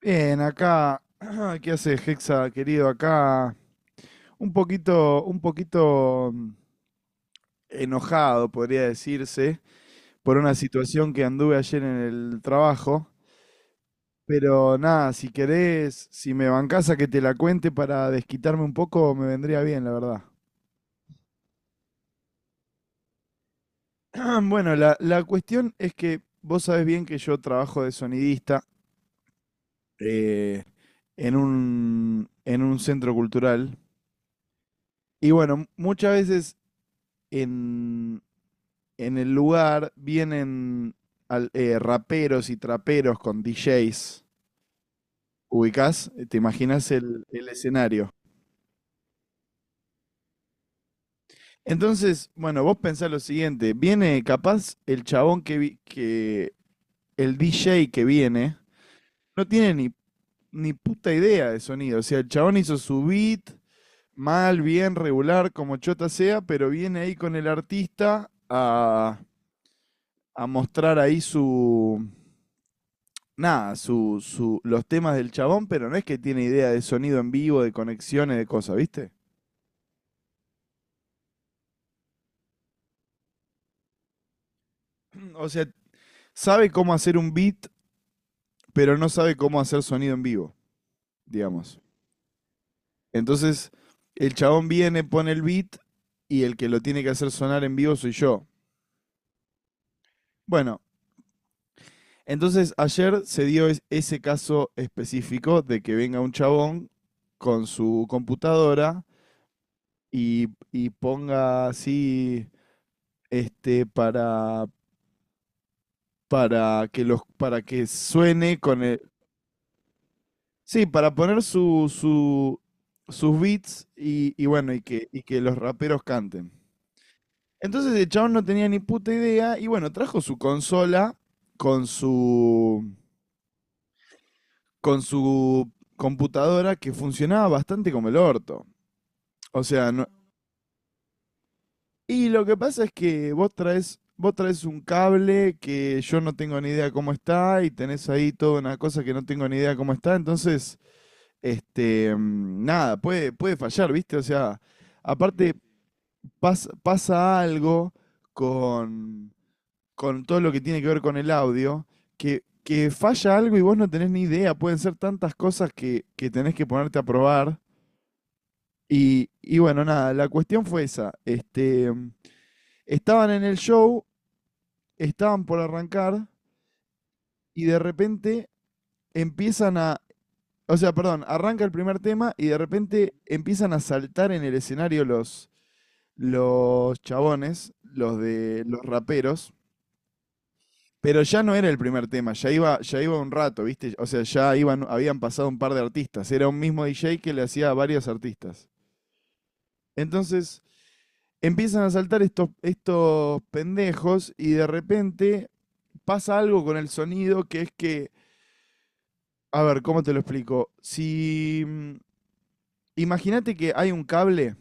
Bien, acá, ¿qué hace Hexa, querido? Acá un poquito, un poquito enojado, podría decirse, por una situación que anduve ayer en el trabajo. Pero nada, si querés, si me bancás a que te la cuente para desquitarme un poco, me vendría bien, la verdad. Bueno, la cuestión es que vos sabés bien que yo trabajo de sonidista eh, en en un centro cultural. Y bueno, muchas veces en, en el lugar vienen raperos y traperos con DJs. ¿Ubicás? ¿Te imaginas el escenario? Entonces, bueno, vos pensás lo siguiente, viene capaz el chabón que, vi- que el DJ que viene, no tiene ni, ni puta idea de sonido, o sea, el chabón hizo su beat, mal, bien, regular, como chota sea, pero viene ahí con el a mostrar ahí su, nada, su, los temas del chabón, pero no es que tiene idea de sonido en vivo, de conexiones, de cosas, ¿viste? O sea, sabe cómo hacer un beat, pero no sabe cómo hacer sonido en vivo, digamos. Entonces, el chabón viene, pone el beat y el que lo tiene que hacer sonar en vivo soy yo. Bueno, entonces ayer se dio ese caso específico de que venga un chabón con su computadora y ponga así, este, para que para que suene con sí, para poner sus beats y bueno, y que los raperos canten. Entonces el chabón no tenía ni puta idea y bueno, trajo su consola con su, con su computadora que funcionaba bastante como el orto. O sea, no- y lo que pasa es que vos traes un cable que yo no tengo ni idea cómo está y tenés ahí toda una cosa que no tengo ni idea cómo está, entonces... nada, puede, puede fallar, ¿viste? O sea, aparte pasa algo con, con todo lo que tiene que ver con el audio, que falla algo y vos no tenés ni idea, pueden ser tantas cosas que tenés que ponerte a probar. Y bueno, nada, la cuestión fue esa. Estaban en el show, estaban por arrancar y de repente empiezan a, o sea, perdón, arranca el primer tema y de repente empiezan a saltar en el escenario los chabones, los de los raperos, pero ya no era el primer tema, ya iba un rato, ¿viste? O sea, ya iban, habían pasado un par de artistas, era un mismo DJ que le hacía a varios artistas. Entonces, empiezan a saltar estos pendejos y de repente pasa algo con el sonido que es a ver, ¿cómo te lo explico? Si, mm, Imagínate que hay un cable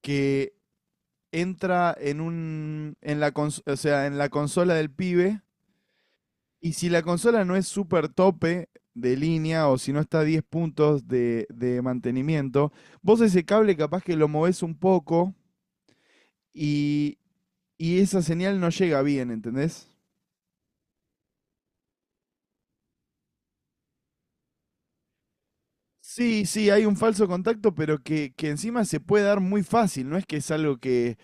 que entra en un en la o sea, en la consola del pibe y si la consola no es súper tope de línea o si no está a 10 puntos de mantenimiento, vos ese cable capaz que lo movés un poco y, y esa señal no llega bien, ¿entendés? Sí, sí, hay un falso contacto, pero que encima se puede dar muy fácil, no es que es algo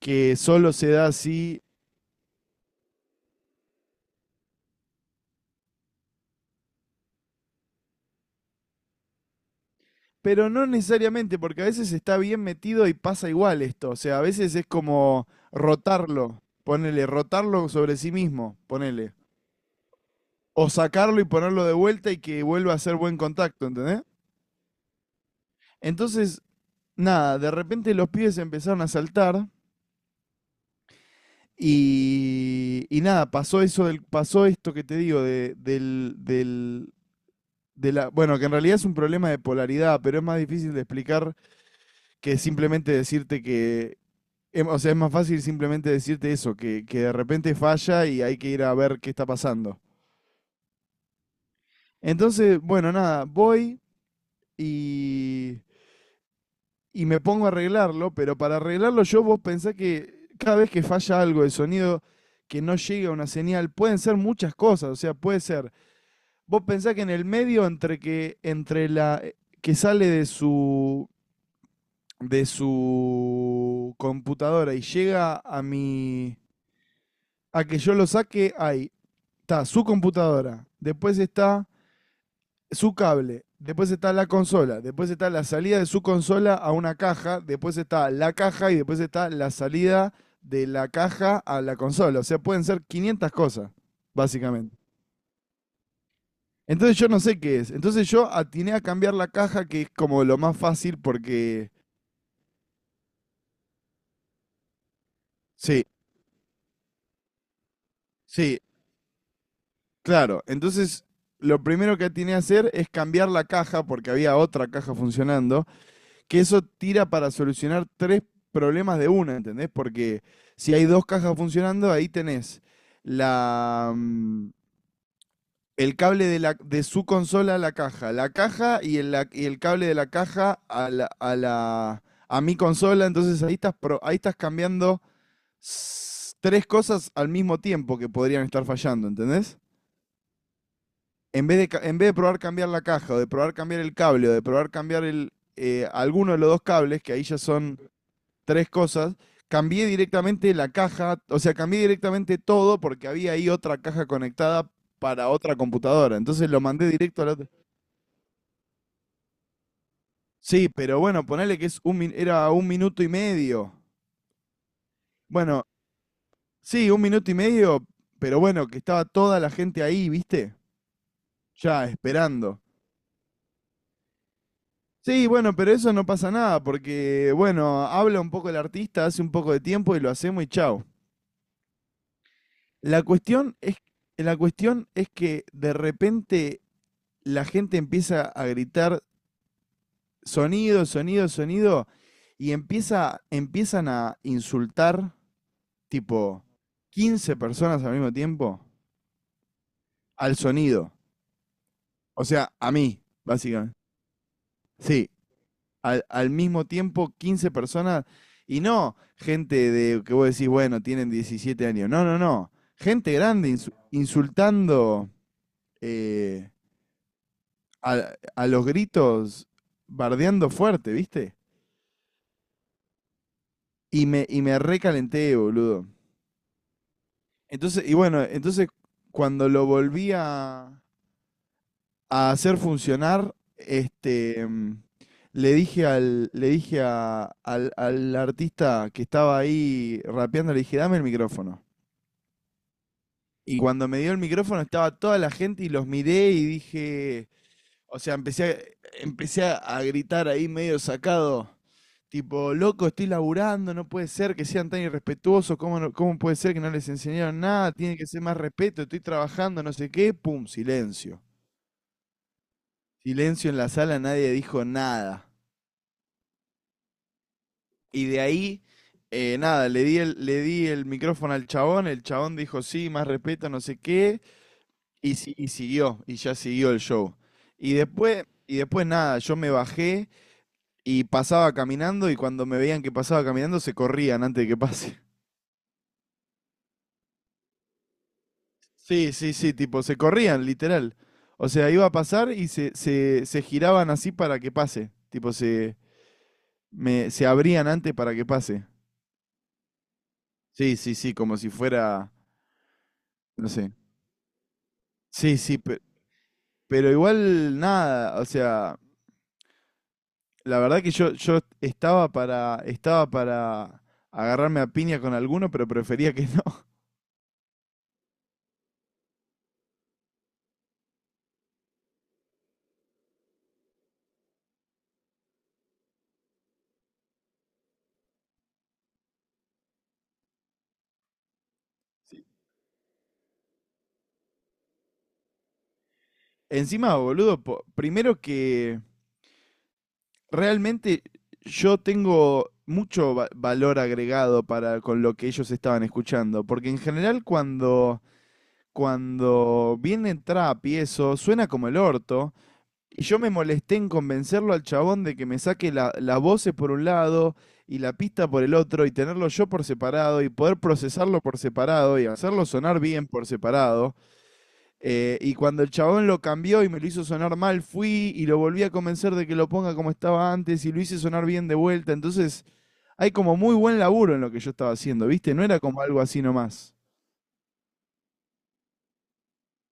que solo se da así. Pero no necesariamente, porque a veces está bien metido y pasa igual esto. O sea, a veces es como rotarlo, ponele, rotarlo sobre sí mismo, ponele. O sacarlo y ponerlo de vuelta y que vuelva a ser buen contacto, ¿entendés? Entonces, nada, de repente los pibes empezaron a saltar y nada, pasó eso del, pasó esto que te digo, de, del, del, de la, bueno, que en realidad es un problema de polaridad, pero es más difícil de explicar que simplemente decirte que. O sea, es más fácil simplemente decirte eso, que de repente falla y hay que ir a ver qué está pasando. Entonces, bueno, nada, voy y, y me pongo a arreglarlo, pero para arreglarlo yo vos pensá que cada vez que falla algo de sonido, que no llega una señal, pueden ser muchas cosas, o sea, puede ser, vos pensá que en el medio entre la que sale de su computadora y llega a a que yo lo saque, hay está su computadora, después está su cable, después está la consola, después está la salida de su consola a una caja, después está la caja y después está la salida de la caja a la consola. O sea, pueden ser 500 cosas, básicamente. Entonces yo no sé qué es. Entonces yo atiné a cambiar la caja, que es como lo más fácil porque... sí, sí, claro. Entonces lo primero que atiné a hacer es cambiar la caja porque había otra caja funcionando, que eso tira para solucionar tres problemas de una, ¿entendés? Porque si hay dos cajas funcionando, ahí tenés la, mm, el cable de su consola a la caja y y el cable de la caja a a a mi consola, entonces ahí ahí estás cambiando tres cosas al mismo tiempo que podrían estar fallando, ¿entendés? En vez de probar cambiar la caja, o de probar cambiar el cable, o de probar cambiar alguno de los dos cables, que ahí ya son tres cosas. Cambié directamente la caja, o sea, cambié directamente todo porque había ahí otra caja conectada para otra computadora. Entonces lo mandé directo a la otra. Sí, pero bueno, ponele que es era un minuto y medio. Bueno, sí, un minuto y medio, pero bueno, que estaba toda la gente ahí, ¿viste? Ya esperando. Sí, bueno, pero eso no pasa nada, porque bueno, habla un poco el artista, hace un poco de tiempo y lo hacemos y chao. La cuestión es, la cuestión es que de repente la gente empieza a gritar sonido, sonido, sonido, y empiezan a insultar tipo 15 personas al mismo tiempo al sonido. O sea, a mí, básicamente. Sí, al mismo tiempo 15 personas y no gente de que vos decís, bueno, tienen 17 años. No, no, no. Gente grande insultando eh, a los gritos, bardeando fuerte, ¿viste? Y me recalenté, boludo. Entonces, y bueno, entonces cuando lo volví a hacer funcionar, le dije al, le dije a- al, al artista que estaba ahí rapeando, le dije, dame el micrófono. Y cuando me dio el micrófono estaba toda la gente y los miré y dije, o sea, empecé a gritar ahí medio sacado. Tipo, loco, estoy laburando, no puede ser que sean tan irrespetuosos, ¿ cómo puede ser que no les enseñaron nada? Tiene que ser más respeto, estoy trabajando, no sé qué, pum, silencio. Silencio en la sala, nadie dijo nada. Y de ahí, nada, le di el micrófono al chabón, el chabón dijo sí, más respeto, no sé qué, y, si- y siguió, y ya siguió el show. Y después nada, yo me bajé, y pasaba caminando y cuando me veían que pasaba caminando se corrían antes de que pase. Sí, sí, sí, tipo, se corrían, literal. O sea, iba a pasar y se giraban así para que pase. Tipo, se abrían antes para que pase. Sí, sí, sí, como si fuera, no sé. Sí, sí, pero igual nada, o sea, la verdad que yo estaba estaba para agarrarme a piña con alguno, pero prefería que no. Sí. Encima, boludo, primero que... realmente yo tengo mucho valor agregado para con lo que ellos estaban escuchando, porque en general cuando viene trap y eso suena como el orto y yo me molesté en convencerlo al chabón de que me saque las voces por un lado y la pista por el otro y tenerlo yo por separado y poder procesarlo por separado y hacerlo sonar bien por separado. Y cuando el chabón lo cambió y me lo hizo sonar mal, fui y lo volví a convencer de que lo ponga como estaba antes y lo hice sonar bien de vuelta. Entonces, hay como muy buen laburo en lo que yo estaba haciendo, ¿viste? No era como algo así nomás.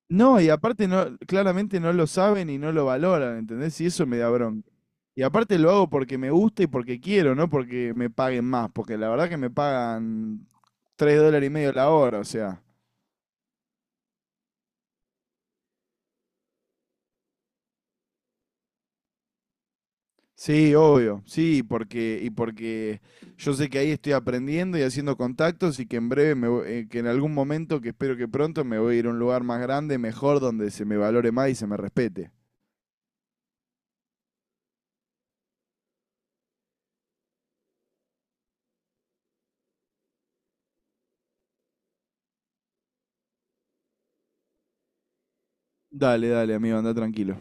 No, y aparte no, claramente no lo saben y no lo valoran, ¿entendés? Y eso me da bronca. Y aparte lo hago porque me gusta y porque quiero, no porque me paguen más, porque la verdad que me pagan $3,50 la hora, o sea. Sí, obvio, sí, porque, y porque yo sé que ahí estoy aprendiendo y haciendo contactos y que en breve, que en algún momento, que espero que pronto, me voy a ir a un lugar más grande, mejor, donde se me valore más y se me respete. Dale, dale, amigo, anda tranquilo.